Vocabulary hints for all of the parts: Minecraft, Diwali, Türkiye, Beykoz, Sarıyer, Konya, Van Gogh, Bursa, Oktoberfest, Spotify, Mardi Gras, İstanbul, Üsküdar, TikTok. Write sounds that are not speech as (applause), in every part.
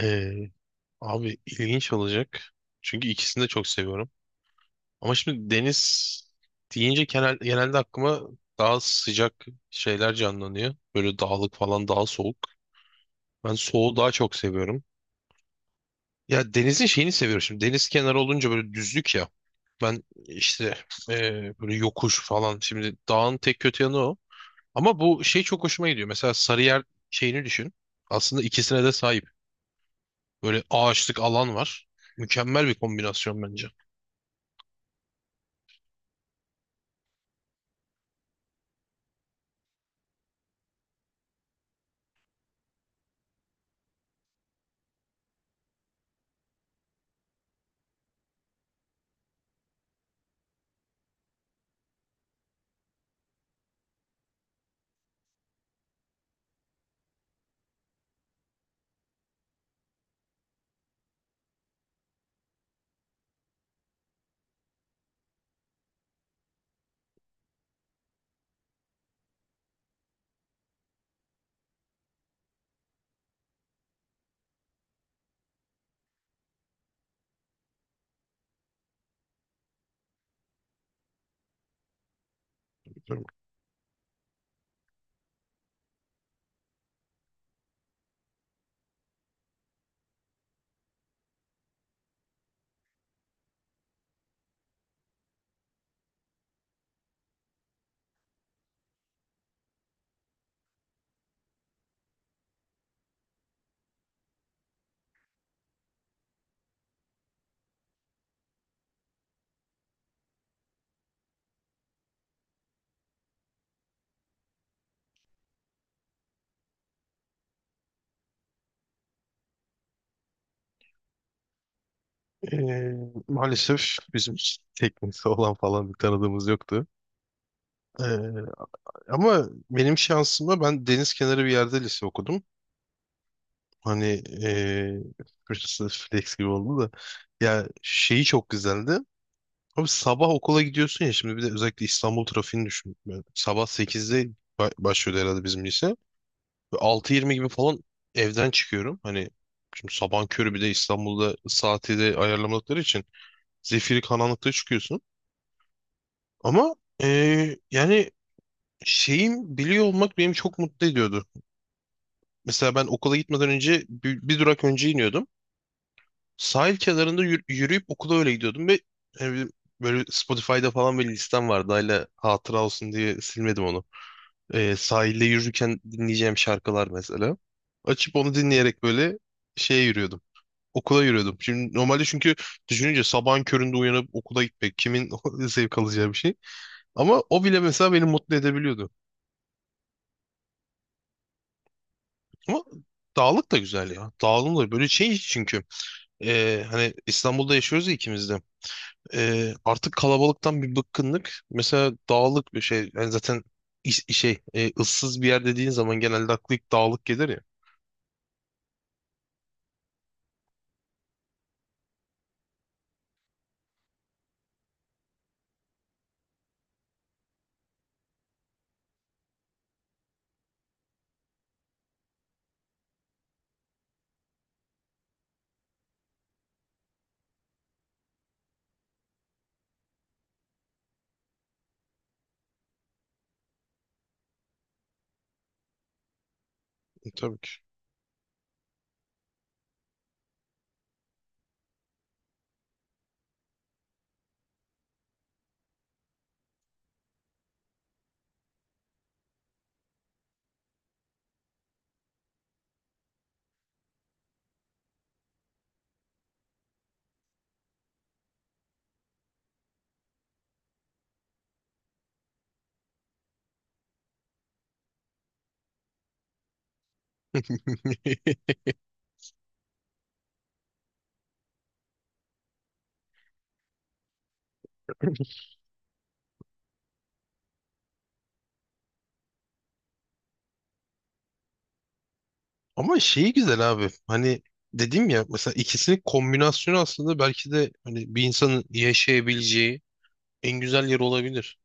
Ee, abi ilginç olacak. Çünkü ikisini de çok seviyorum. Ama şimdi deniz deyince genelde aklıma daha sıcak şeyler canlanıyor. Böyle dağlık falan daha soğuk. Ben soğuğu daha çok seviyorum. Ya denizin şeyini seviyorum şimdi. Deniz kenarı olunca böyle düzlük ya. Ben işte böyle yokuş falan. Şimdi dağın tek kötü yanı o. Ama bu şey çok hoşuma gidiyor. Mesela Sarıyer şeyini düşün. Aslında ikisine de sahip. Böyle ağaçlık alan var. Mükemmel bir kombinasyon bence. Ee, maalesef bizim teknesi olan falan bir tanıdığımız yoktu. Ee, ama benim şansıma ben deniz kenarı bir yerde lise okudum. Hani burası flex gibi oldu da. Ya şeyi çok güzeldi. Abi sabah okula gidiyorsun ya şimdi bir de özellikle İstanbul trafiğini düşün. Yani sabah 8'de başlıyordu herhalde bizim lise. Ve 6.20 gibi falan evden çıkıyorum. Hani şimdi sabahın körü bir de İstanbul'da saati de ayarlamadıkları için zifiri karanlıkta çıkıyorsun. Ama yani şeyim biliyor olmak beni çok mutlu ediyordu. Mesela ben okula gitmeden önce bir durak önce iniyordum. Sahil kenarında yürüyüp okula öyle gidiyordum ve yani böyle Spotify'da falan bir listem vardı. Hala hatıra olsun diye silmedim onu. Sahilde yürürken dinleyeceğim şarkılar mesela. Açıp onu dinleyerek böyle şeye yürüyordum. Okula yürüyordum. Şimdi normalde çünkü düşününce sabahın köründe uyanıp okula gitmek kimin (laughs) zevk alacağı bir şey. Ama o bile mesela beni mutlu edebiliyordu. Ama dağlık da güzel ya. Dağlık da böyle şey çünkü. Hani İstanbul'da yaşıyoruz ya ikimiz de. Artık kalabalıktan bir bıkkınlık. Mesela dağlık bir şey. Yani zaten şey ıssız bir yer dediğin zaman genelde aklı ilk dağlık gelir ya. E, tabii ki. (laughs) Ama şeyi güzel abi. Hani dedim ya mesela ikisinin kombinasyonu aslında belki de hani bir insanın yaşayabileceği en güzel yer olabilir.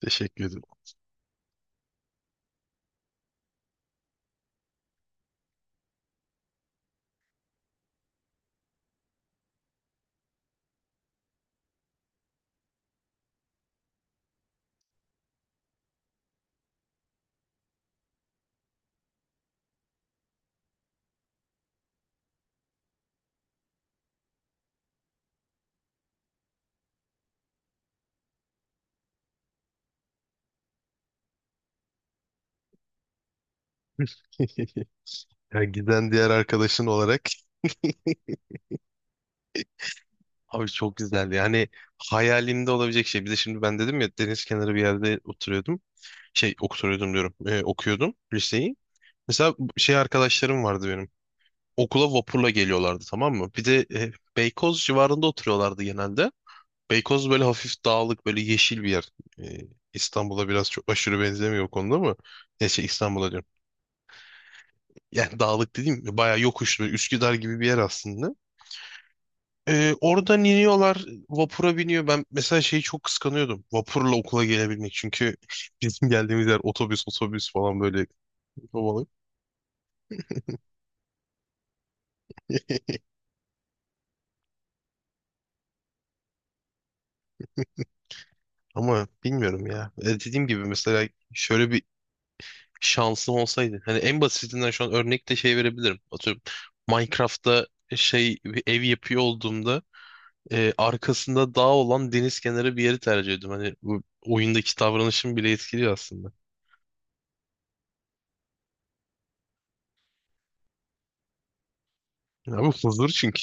Teşekkür ederim. (laughs) Ya giden diğer arkadaşın olarak abi çok güzeldi. Yani hayalimde olabilecek şey. Bir de şimdi ben dedim ya deniz kenarı bir yerde oturuyordum. Şey oturuyordum diyorum. Okuyordum liseyi. Mesela şey arkadaşlarım vardı benim. Okula vapurla geliyorlardı, tamam mı? Bir de Beykoz civarında oturuyorlardı genelde. Beykoz böyle hafif dağlık böyle yeşil bir yer. E, İstanbul'a biraz çok aşırı benzemiyor o konuda ama neyse İstanbul'a diyorum. Yani dağlık dediğim bayağı yokuşlu Üsküdar gibi bir yer aslında. E, oradan iniyorlar vapura biniyor. Ben mesela şeyi çok kıskanıyordum. Vapurla okula gelebilmek çünkü (laughs) bizim geldiğimiz yer otobüs otobüs falan böyle kovalı. Ama bilmiyorum ya. E, dediğim gibi mesela şöyle bir şansım olsaydı. Hani en basitinden şu an örnek de şey verebilirim. Atıyorum Minecraft'ta şey bir ev yapıyor olduğumda arkasında dağ olan deniz kenarı bir yeri tercih ediyorum. Hani bu oyundaki davranışım bile etkiliyor aslında. Ya bu huzur çünkü.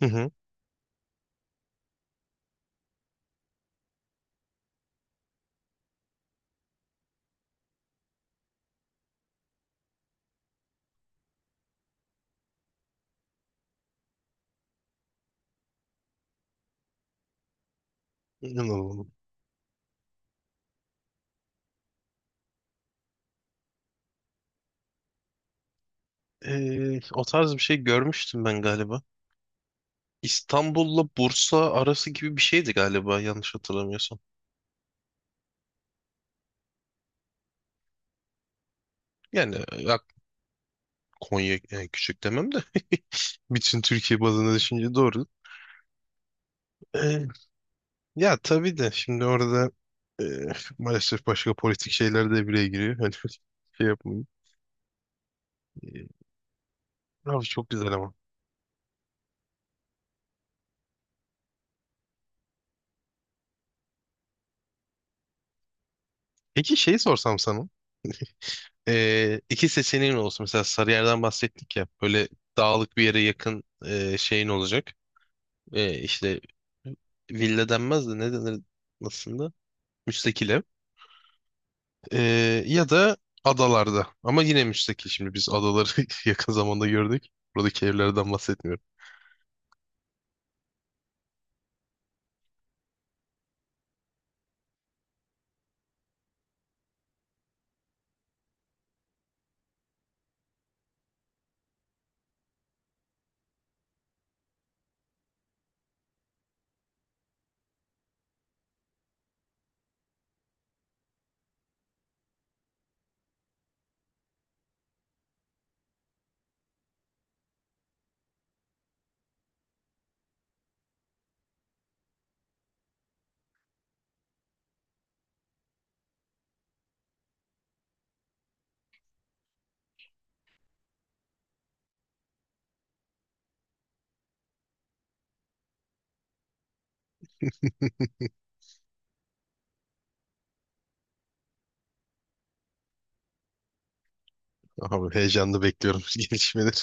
Hı hı. İnanılmaz. E, o tarz bir şey görmüştüm ben galiba. İstanbul'la Bursa arası gibi bir şeydi galiba yanlış hatırlamıyorsam. Yani ya, Konya yani küçük demem de bütün Türkiye bazında düşünce doğru. Ya tabii de şimdi orada e, maalesef başka politik şeyler de bireye giriyor. Hani (laughs) şey yapmayın. E, abi çok güzel ama. Peki şeyi sorsam sana. E, iki seçeneğin olsun. Mesela Sarıyer'den bahsettik ya. Böyle dağlık bir yere yakın şeyin olacak. E, işte villa denmez de ne denir aslında? Müstakil ev. Ya da adalarda. Ama yine müstakil. Şimdi biz adaları (laughs) yakın zamanda gördük. Buradaki evlerden bahsetmiyorum. (laughs) Abi heyecanla bekliyorum (laughs) gelişmeleri.